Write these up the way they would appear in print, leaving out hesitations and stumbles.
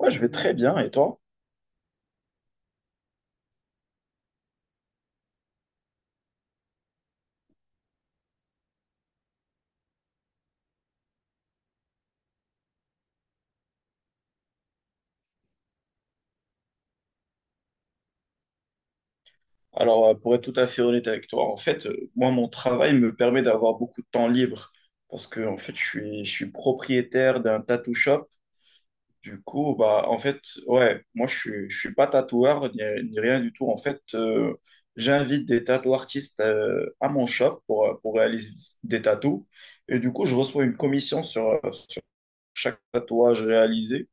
Moi, je vais très bien, et toi? Alors, pour être tout à fait honnête avec toi, en fait, moi, mon travail me permet d'avoir beaucoup de temps libre parce que, en fait, je suis propriétaire d'un tattoo shop. Du coup, bah, en fait, ouais, moi, je suis pas tatoueur ni rien du tout. En fait, j'invite des tattoo artistes à mon shop pour réaliser des tattoos. Et du coup, je reçois une commission sur chaque tatouage réalisé.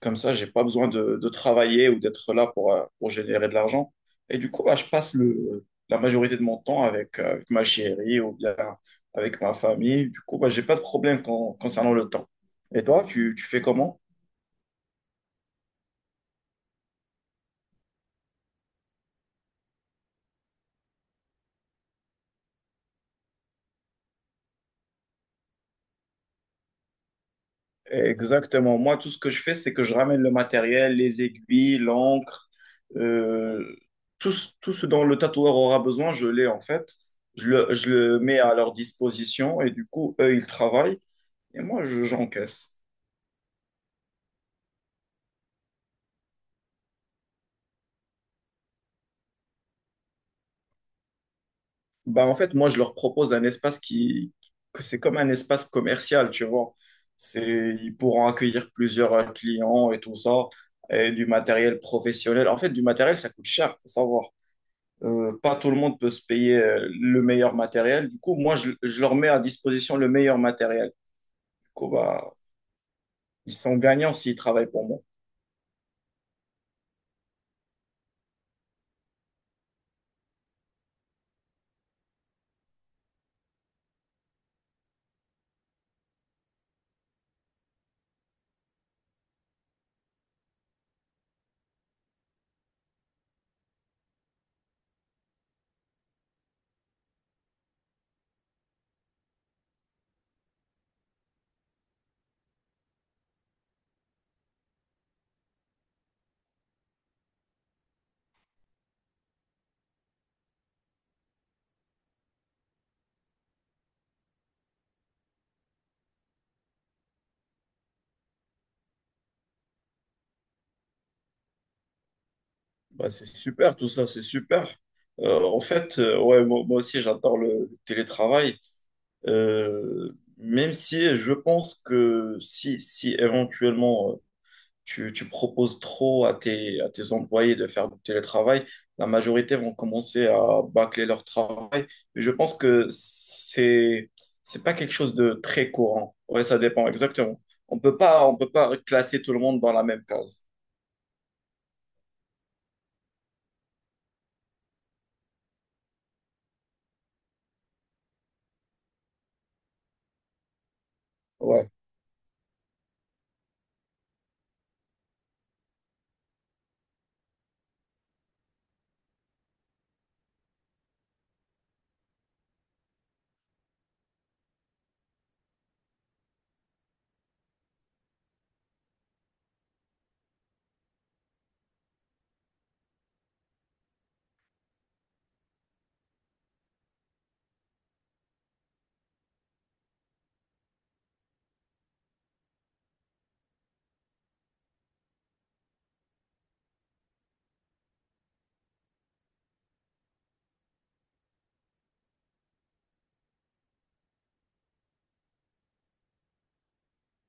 Comme ça, j'ai pas besoin de travailler ou d'être là pour générer de l'argent. Et du coup, bah, je passe la majorité de mon temps avec, avec ma chérie ou bien avec ma famille. Du coup, bah, j'ai pas de problème concernant le temps. Et toi, tu fais comment? Exactement. Moi, tout ce que je fais, c'est que je ramène le matériel, les aiguilles, l'encre, euh, tout, tout ce dont le tatoueur aura besoin, je l'ai en fait. Je le mets à leur disposition et du coup, eux, ils travaillent et moi, j'encaisse. Bah, en fait, moi, je leur propose un espace que c'est comme un espace commercial, tu vois. C'est, ils pourront accueillir plusieurs clients et tout ça, et du matériel professionnel. En fait, du matériel, ça coûte cher, faut savoir. Pas tout le monde peut se payer le meilleur matériel. Du coup, moi, je leur mets à disposition le meilleur matériel. Du coup, bah, ils sont gagnants s'ils travaillent pour moi. Bah, c'est super, tout ça, c'est super. Ouais, moi, moi aussi, j'adore le télétravail. Euh, même si je pense que si, si éventuellement tu proposes trop à tes employés de faire du télétravail, la majorité vont commencer à bâcler leur travail. Je pense que c'est pas quelque chose de très courant. Ouais, ça dépend exactement. On peut pas classer tout le monde dans la même case. Ouais,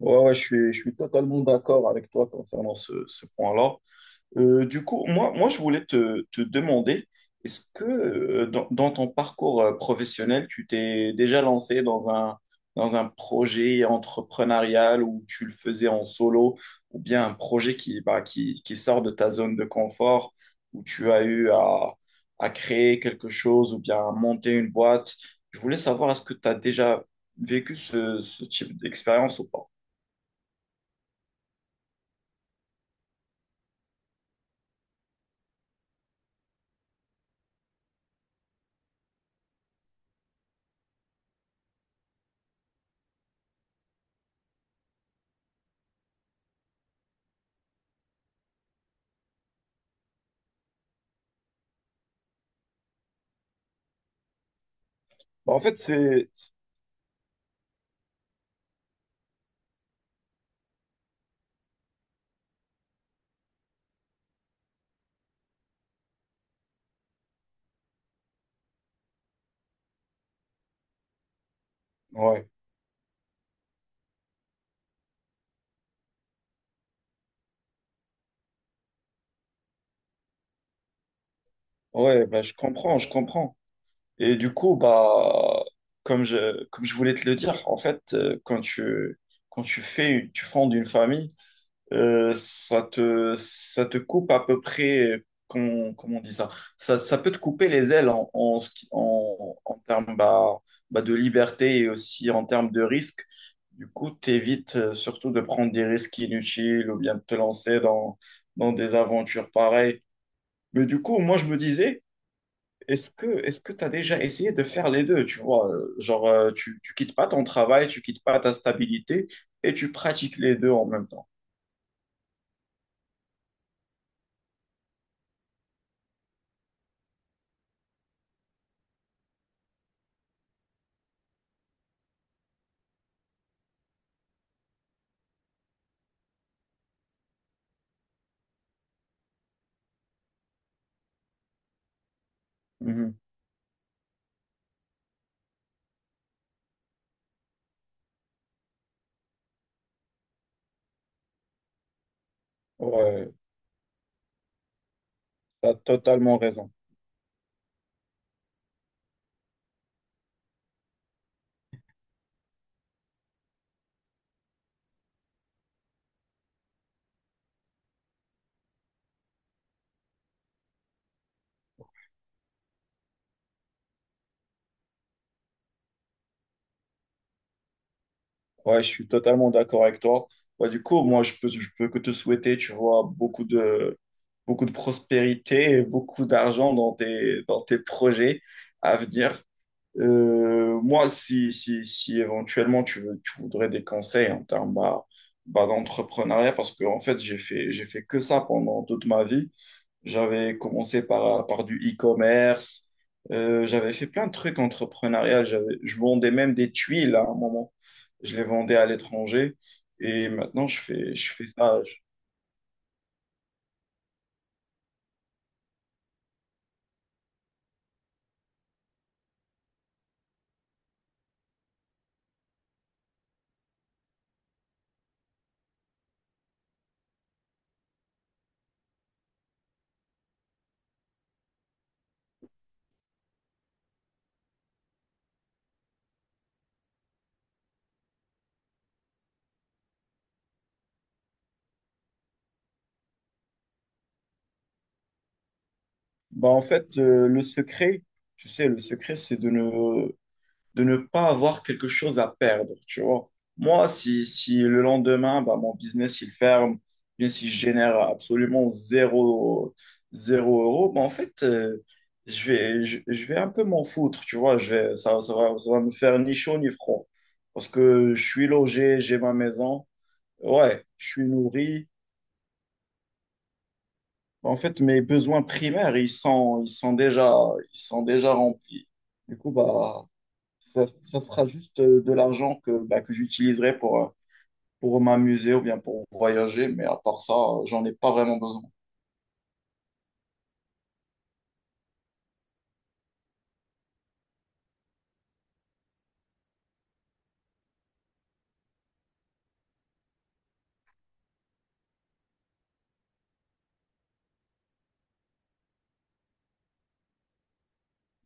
ouais, ouais, je suis totalement d'accord avec toi concernant ce, ce point-là. Du coup, moi, je voulais te demander, est-ce que dans, dans ton parcours professionnel, tu t'es déjà lancé dans un projet entrepreneurial où tu le faisais en solo, ou bien un projet qui, bah, qui sort de ta zone de confort, où tu as eu à créer quelque chose, ou bien à monter une boîte? Je voulais savoir, est-ce que tu as déjà vécu ce, ce type d'expérience ou pas? Bah, en fait, c'est... Ouais, ouais, bah, je comprends. Et du coup, bah, comme je voulais te le dire, en fait, quand quand tu fais, tu fondes une famille, ça te coupe à peu près, comment, comment on dit ça? Ça peut te couper les ailes en, en, ce qui- en, en termes bah, bah, de liberté et aussi en termes de risque. Du coup, t'évites surtout de prendre des risques inutiles ou bien de te lancer dans, dans des aventures pareilles. Mais du coup, moi, je me disais, est-ce que tu as déjà essayé de faire les deux, tu vois, genre, tu quittes pas ton travail, tu quittes pas ta stabilité et tu pratiques les deux en même temps. Mhm. Ouais, tu as totalement raison. Ouais, je suis totalement d'accord avec toi. Ouais, du coup, moi je peux que te souhaiter, tu vois, beaucoup de prospérité et beaucoup d'argent dans tes projets à venir. Moi, si éventuellement tu voudrais des conseils en termes bah, bah, d'entrepreneuriat, parce que en fait, j'ai fait que ça pendant toute ma vie. J'avais commencé par du e-commerce, j'avais fait plein de trucs entrepreneurial. Je vendais même des tuiles à un moment. Je les vendais à l'étranger et maintenant je fais ça. Je- Bah, en fait, le secret, tu sais, le secret, c'est de ne pas avoir quelque chose à perdre, tu vois. Moi, si le lendemain, bah, mon business, il ferme, bien si je génère absolument zéro, zéro euro, bah, en fait, je vais un peu m'en foutre, tu vois. Je vais, ça va me faire ni chaud ni froid. Parce que je suis logé, j'ai ma maison, ouais, je suis nourri. Bah, en fait, mes besoins primaires, ils sont déjà remplis. Du coup, bah, Ça, ça sera juste de l'argent que, bah, que j'utiliserai pour m'amuser ou bien pour voyager, mais à part ça, j'en ai pas vraiment besoin.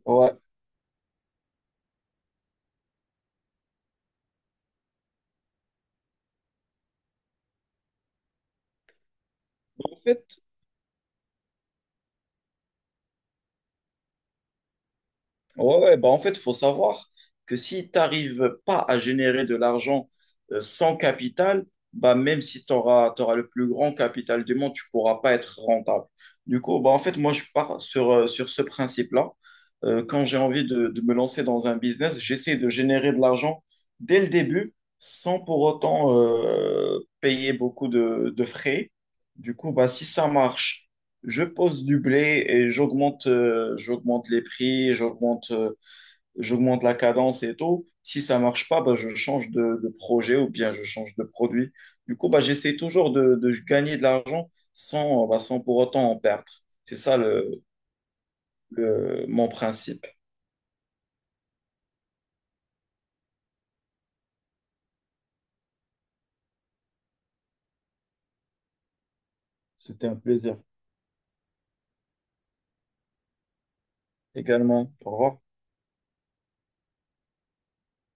Ouais. En fait, ouais, ouais, bah en fait, il faut savoir que si tu n'arrives pas à générer de l'argent sans capital, bah même si tu auras, le plus grand capital du monde, tu pourras pas être rentable. Du coup, bah en fait, moi, je pars sur, sur ce principe-là. Quand j'ai envie de me lancer dans un business, j'essaie de générer de l'argent dès le début sans pour autant payer beaucoup de frais. Du coup, bah, si ça marche je pose du blé et j'augmente j'augmente les prix, j'augmente j'augmente la cadence et tout. Si ça marche pas, bah, je change de projet ou bien je change de produit. Du coup, bah, j'essaie toujours de gagner de l'argent sans, bah, sans pour autant en perdre. C'est ça mon principe. C'était un plaisir. Également, au revoir.